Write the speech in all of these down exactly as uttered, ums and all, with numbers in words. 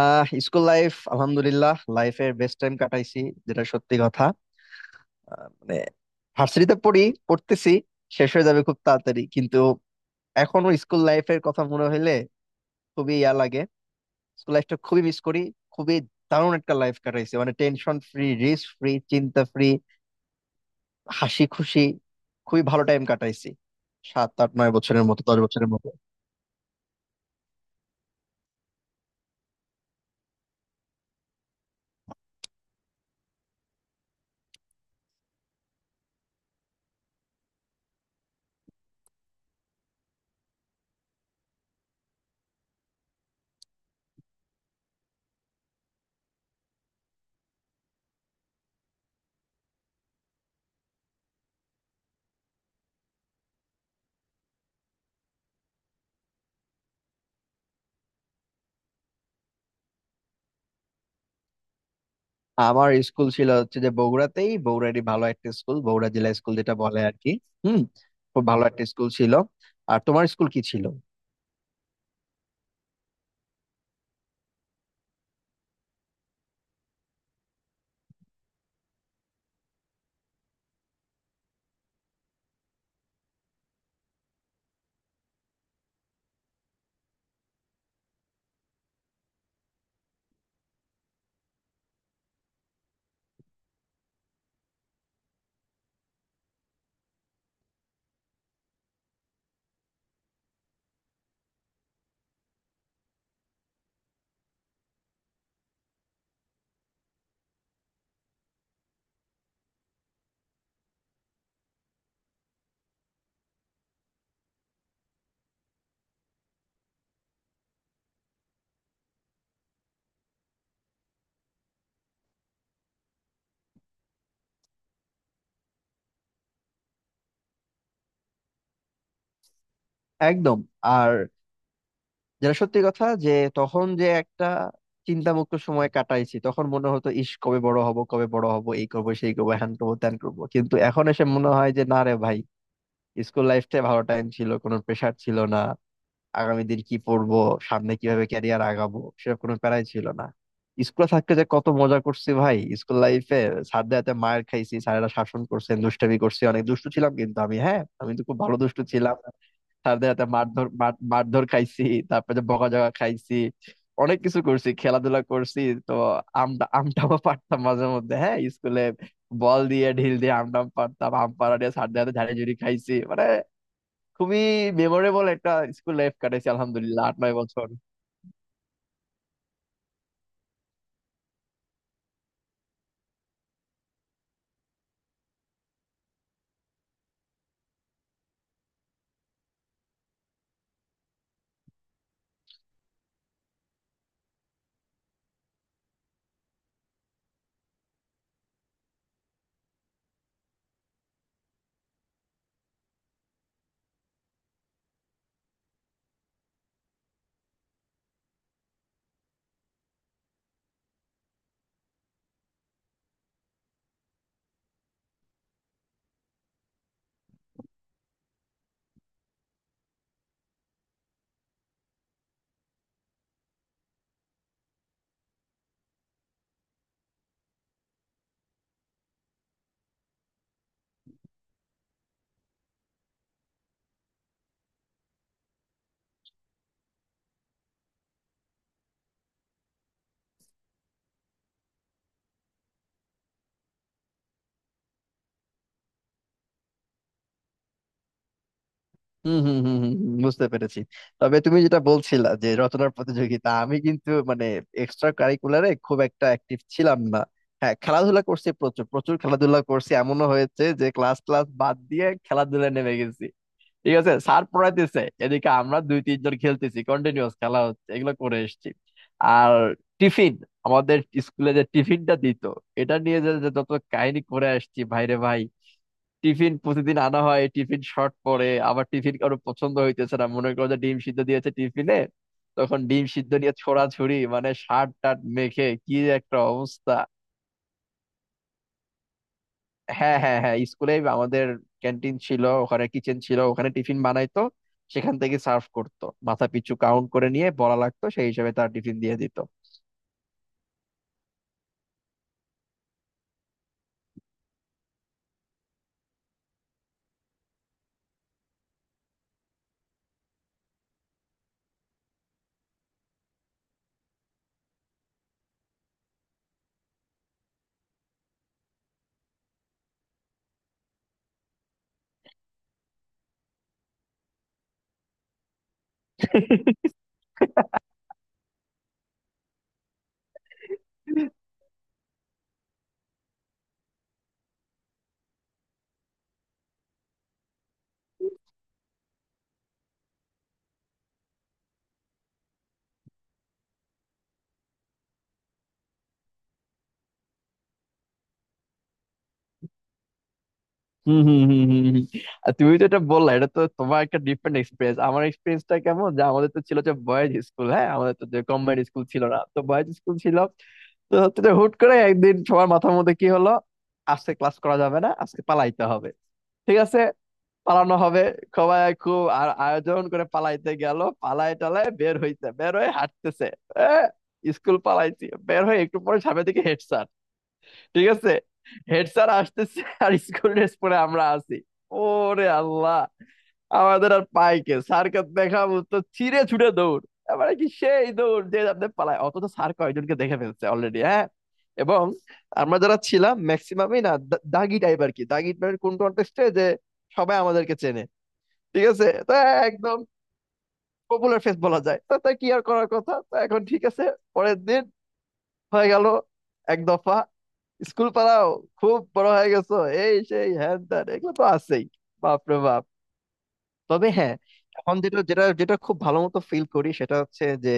আহ school life আলহামদুলিল্লাহ লাইফের best time কাটাইছি, যেটা সত্যি কথা। মানে ভার্সিটিতে পড়ি পড়তেছি, শেষ হয়ে যাবে খুব তাড়াতাড়ি। কিন্তু এখনো স্কুল লাইফের কথা মনে হইলে খুবই ইয়া লাগে, স্কুল লাইফটা খুবই মিস করি। খুবই দারুণ একটা লাইফ কাটাইছি, মানে টেনশন ফ্রি, রিস্ক ফ্রি, চিন্তা ফ্রি, হাসি খুশি, খুবই ভালো টাইম কাটাইছি। সাত আট নয় বছরের মতো, দশ বছরের মতো। আমার স্কুল ছিল হচ্ছে যে বগুড়াতেই, বগুড়ারই ভালো একটা স্কুল, বগুড়া জিলা স্কুল, যেটা বলে আর কি। হুম, খুব ভালো একটা স্কুল ছিল। আর তোমার স্কুল কি ছিল? একদম। আর যেটা সত্যি কথা, যে তখন যে একটা চিন্তামুক্ত সময় কাটাইছি, তখন মনে হতো ইস, কবে বড় হব, কবে বড় হব, এই করবো সেই করবো, হ্যান করবো ত্যান করবো, কিন্তু এখন এসে মনে হয় যে না রে ভাই, স্কুল লাইফটাই ভালো টাইম ছিল, কোনো প্রেশার ছিল না। আগামী দিন কি পড়বো, সামনে কিভাবে ক্যারিয়ার আগাবো, সেরকম কোনো প্যারাই ছিল না। স্কুলে থাকতে যে কত মজা করছি ভাই, স্কুল লাইফে স্যারদের হাতে মায়ের খাইছি, স্যারেরা শাসন করছেন, দুষ্টামি করছি, অনেক দুষ্টু ছিলাম, কিন্তু আমি, হ্যাঁ আমি তো খুব ভালো দুষ্টু ছিলাম। স্যারদের হাতে মারধর মার- মারধর খাইছি, তারপরে যে বকাঝকা খাইছি, অনেক কিছু করছি, খেলাধুলা করছি। তো আমটা আমটাও পারতাম মাঝে মধ্যে, হ্যাঁ স্কুলে বল দিয়ে ঢিল দিয়ে আমটাম পারতাম, আম পাড়া দিয়ে স্যারদের হাতে ঝাড়ি ঝুড়ি খাইছি, মানে খুবই মেমোরেবল একটা স্কুল লাইফ কাটাইছি আলহামদুলিল্লাহ। আট নয় বছর। হম হম হম হম হম, বুঝতে পেরেছি। তবে তুমি যেটা বলছিলা যে রচনার প্রতিযোগিতা, আমি কিন্তু মানে এক্সট্রা কারিকুলারে খুব একটা অ্যাক্টিভ ছিলাম না। হ্যাঁ, খেলাধুলা করছি, প্রচুর প্রচুর খেলাধুলা করছি, এমনও হয়েছে যে ক্লাস ক্লাস বাদ দিয়ে খেলাধুলায় নেমে গেছি। ঠিক আছে, স্যার পড়াইতেছে, এদিকে আমরা দুই তিনজন খেলতেছি, কন্টিনিউয়াস খেলা হচ্ছে, এগুলো করে এসেছি। আর টিফিন, আমাদের স্কুলে যে টিফিনটা দিত, এটা নিয়ে যে যে যত কাহিনী করে আসছি ভাইরে ভাই। টিফিন প্রতিদিন আনা হয়, টিফিন শর্ট পড়ে, আবার টিফিন কারো পছন্দ হইতেছে না, মনে করো যে ডিম সিদ্ধ দিয়েছে টিফিনে, তখন ডিম সিদ্ধ নিয়ে ছোড়াছুড়ি, মানে শার্ট টাট মেখে কি যে একটা অবস্থা। হ্যাঁ হ্যাঁ হ্যাঁ, স্কুলে আমাদের ক্যান্টিন ছিল, ওখানে কিচেন ছিল, ওখানে টিফিন বানাইতো, সেখান থেকে সার্ভ করতো, মাথা পিছু কাউন্ট করে নিয়ে বলা লাগতো, সেই হিসাবে তার টিফিন দিয়ে দিত। হম হম হম হম হম। আর তুমি তো এটা বললা, এটা তো তোমার একটা ডিফারেন্ট এক্সপিরিয়েন্স, আমার এক্সপিরিয়েন্সটা কেমন যে আমাদের তো ছিল যে বয়েজ স্কুল, হ্যাঁ আমাদের তো যে কম্বাইন্ড স্কুল ছিল না, তো বয়েজ স্কুল ছিল। তো হচ্ছে যে হুট করে একদিন সবার মাথার মধ্যে কি হলো, আজকে ক্লাস করা যাবে না, আজকে পালাইতে হবে। ঠিক আছে, পালানো হবে। সবাই খুব আর আয়োজন করে পালাইতে গেল, পালাই টালায় বের হইতে, বের হয়ে হাঁটতেছে। এ, স্কুল পালাইছি, বের হয়ে একটু পরে সামনের দিকে হেড। ঠিক আছে, হেড স্যার আসতেছে, আর স্কুল ড্রেস পরে আমরা আছি। ওরে আল্লাহ, আমাদের আর পাই কে, স্যারকে দেখাবো, তো ছিঁড়ে ছুড়ে দৌড়। এবারে কি সেই দৌড় যে আপনি পালায়, অথচ স্যার কয়জনকে দেখে ফেলছে অলরেডি, হ্যাঁ। এবং আমরা যারা ছিলাম ম্যাক্সিমামই না দা- দাগি টাইপ আর কি, দাগি টাইপের কোন কন্টেস্টে যে সবাই আমাদেরকে চেনে। ঠিক আছে, তো একদম পপুলার ফেস বলা যায়। তো তা কি আর করার, কথা তো এখন ঠিক আছে। পরের দিন হয়ে গেল এক দফা, স্কুল পাড়াও, খুব বড় হয়ে গেছো, এই সেই হ্যান ত্যান, এগুলো তো আছেই। বাপ রে বাপ। তবে হ্যাঁ, এখন যেটা যেটা যেটা খুব ভালো মতো ফিল করি সেটা হচ্ছে যে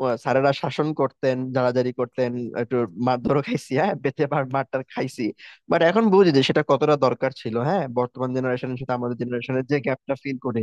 আহ, স্যারেরা শাসন করতেন, জারাজারি করতেন, একটু মারধরও খাইছি, হ্যাঁ বেঁচে মার মারটার খাইছি। বাট এখন বুঝি যে সেটা কতটা দরকার ছিল, হ্যাঁ, বর্তমান জেনারেশনের সাথে আমাদের জেনারেশনের যে গ্যাপটা ফিল করি।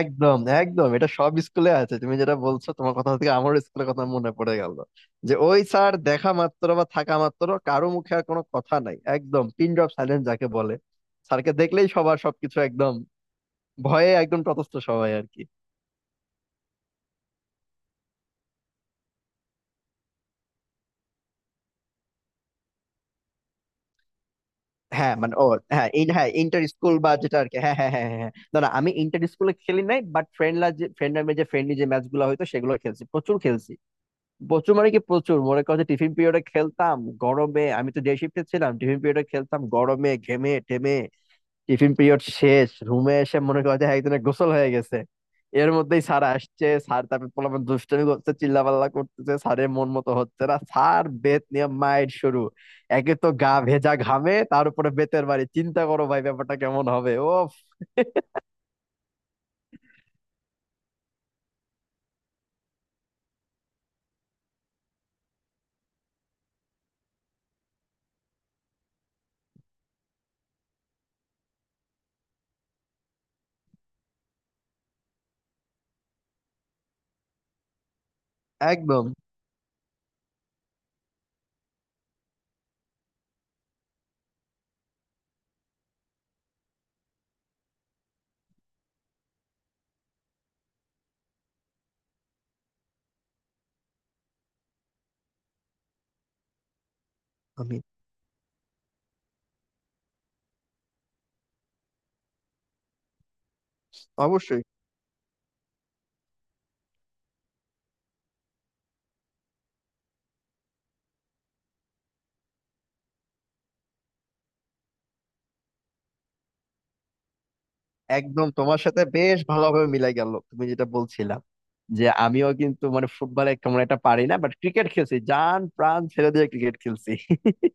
একদম একদম, এটা সব স্কুলে আছে, তুমি যেটা বলছো, তোমার কথা থেকে আমার স্কুলের কথা মনে পড়ে গেল যে ওই স্যার দেখা মাত্র বা থাকা মাত্র কারো মুখে আর কোনো কথা নাই, একদম পিন ড্রপ সাইলেন্স যাকে বলে। স্যারকে দেখলেই সবার সবকিছু একদম, ভয়ে একদম তটস্থ সবাই আর কি। হ্যাঁ মানে ও, হ্যাঁ ইন হ্যাঁ ইন্টার স্কুল বা যেটা আর কি, হ্যাঁ হ্যাঁ হ্যাঁ হ্যাঁ হ্যাঁ। না না আমি ইন্টার স্কুলে খেলি নাই, বাট ফ্রেন্ডরা যে ফ্রেন্ডরা যে ফ্রেন্ডলি যে ম্যাচ গুলো হয়তো, সেগুলো খেলছি, প্রচুর খেলছি। প্রচুর মানে কি, প্রচুর মনে করো যে টিফিন পিরিয়ডে খেলতাম, গরমে, আমি তো ডে শিফটে ছিলাম, টিফিন পিরিয়ডে খেলতাম গরমে ঘেমে টেমে। টিফিন পিরিয়ড শেষ, রুমে এসে মনে করো যে একজনের গোসল হয়ে গেছে। এর মধ্যেই স্যার আসছে, স্যার তারপর পোলাপান দুষ্টামি করছে, চিল্লাপাল্লা করতেছে, স্যারের মন মতো হচ্ছে না, স্যার বেত নিয়ে মায়ের শুরু। একে তো গা ভেজা ঘামে, তার উপরে বেতের বাড়ি, চিন্তা করো ভাই, ব্যাপারটা কেমন হবে। ও একদম। আমি অবশ্যই একদম তোমার সাথে বেশ ভালোভাবে মিলাই গেল, তুমি যেটা বলছিলা যে আমিও কিন্তু মানে ফুটবলে কেমন একটা পারি না, বাট ক্রিকেট খেলছি জান প্রাণ ছেড়ে দিয়ে, ক্রিকেট খেলছি।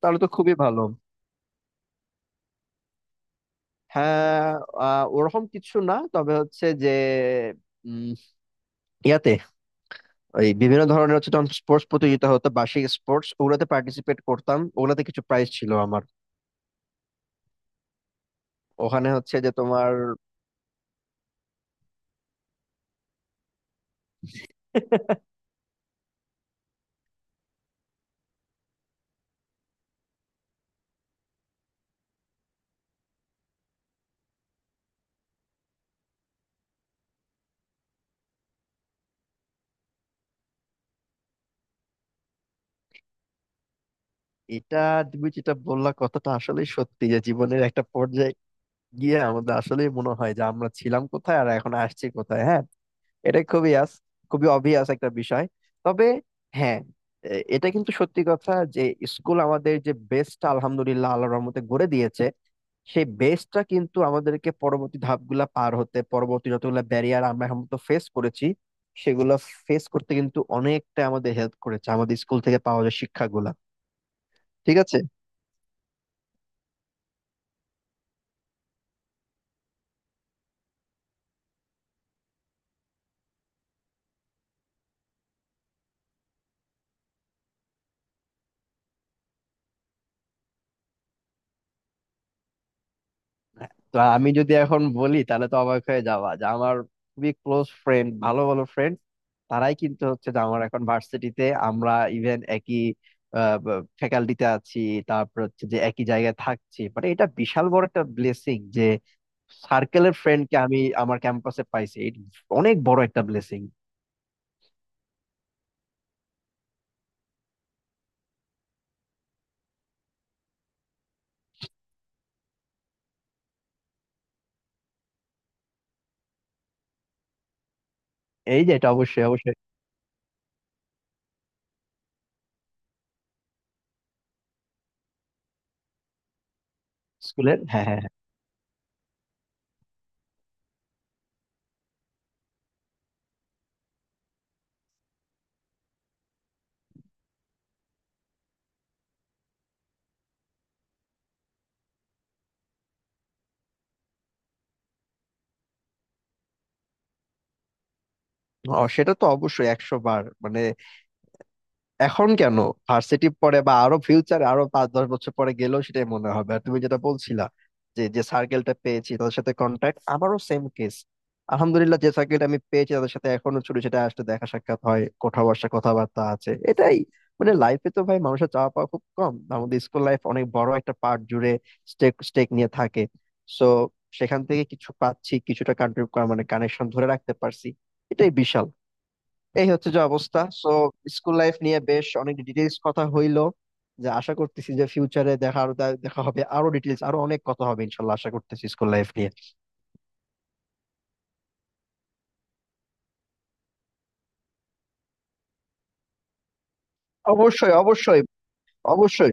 তাহলে তো খুবই ভালো। হ্যাঁ আহ, ওরকম কিছু না, তবে হচ্ছে যে উম, ইয়াতে ওই বিভিন্ন ধরনের হচ্ছে, তখন স্পোর্টস প্রতিযোগিতা হতো, বার্ষিক স্পোর্টস, ওগুলাতে পার্টিসিপেট করতাম, ওগুলাতে কিছু প্রাইজ ছিল আমার। ওখানে হচ্ছে যে তোমার। এটা তুমি যেটা বললা, কথাটা আসলে সত্যি, যে জীবনের একটা পর্যায়ে গিয়ে আমাদের আসলে মনে হয় যে আমরা ছিলাম কোথায় আর এখন আসছি কোথায়, হ্যাঁ। এটা খুবই আস খুবই অবভিয়াস একটা বিষয়। তবে হ্যাঁ, এ- এটা কিন্তু সত্যি কথা যে স্কুল আমাদের যে বেস্টটা আলহামদুলিল্লাহ আল্লাহর রহমতে গড়ে দিয়েছে, সেই বেসটা কিন্তু আমাদেরকে পরবর্তী ধাপগুলা পার হতে, পরবর্তী যতগুলো ব্যারিয়ার আমরা এখন তো ফেস করেছি, সেগুলো ফেস করতে কিন্তু অনেকটা আমাদের হেল্প করেছে আমাদের স্কুল থেকে পাওয়া যায় শিক্ষাগুলা। ঠিক আছে, তো আমি যদি এখন বলি তাহলে তো অবাক হয়ে যাওয়া যে আমার খুবই ক্লোজ ফ্রেন্ড, ভালো ভালো ফ্রেন্ড তারাই কিন্তু হচ্ছে যে আমার এখন ভার্সিটিতে, আমরা ইভেন একই ফ্যাকাল্টিতে আছি, তারপর হচ্ছে যে একই জায়গায় থাকছি, মানে এটা বিশাল বড় একটা ব্লেসিং যে সার্কেলের ফ্রেন্ডকে আমি আমার ক্যাম্পাসে পাইছি, এটা অনেক বড় একটা ব্লেসিং। এই যে এটা অবশ্যই অবশ্যই। স্কুলের, হ্যাঁ হ্যাঁ হ্যাঁ। ও, সেটা তো অবশ্যই, একশো বার মানে, এখন কেন, ভার্সিটি পরে বা আরো ফিউচারে, আরো পাঁচ দশ বছর পরে গেলেও সেটাই মনে হবে। আর তুমি যেটা বলছিলা যে যে সার্কেলটা পেয়েছি তাদের সাথে কন্ট্যাক্ট, আমারও সেম কেস। আলহামদুলিল্লাহ যে সার্কেলটা আমি পেয়েছি তাদের সাথে এখনো ছোট সেটা আসতে দেখা সাক্ষাৎ হয়, কোথাও বসা কথাবার্তা আছে, এটাই। মানে লাইফে তো ভাই মানুষের চাওয়া পাওয়া খুব কম, আমাদের স্কুল লাইফ অনেক বড় একটা পার্ট জুড়ে স্টেক স্টেক নিয়ে থাকে। সো সেখান থেকে কিছু পাচ্ছি, কিছুটা কান্ট্রিবিউট, মানে কানেকশন ধরে রাখতে পারছি, এটাই বিশাল। এই হচ্ছে যে অবস্থা। সো স্কুল লাইফ নিয়ে বেশ অনেক ডিটেলস কথা হইলো, যে আশা করতেছি যে ফিউচারে দেখা আরো দে- দেখা হবে, আরো ডিটেলস, আরো অনেক কথা হবে, ইনশাল্লাহ আশা করতেছি স্কুল লাইফ নিয়ে। অবশ্যই অবশ্যই অবশ্যই,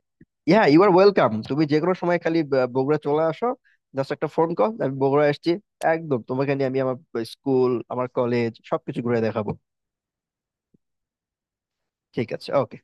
হ্যাঁ ইউ আর ওয়েলকাম, তুমি যে কোনো সময় খালি ব- বগুড়া চলে আসো, জাস্ট একটা ফোন কল আমি বগুড়া আসছি, একদম তোমাকে নিয়ে আমি আমার স্কুল, আমার কলেজ সবকিছু ঘুরে দেখাবো। ঠিক আছে, ওকে।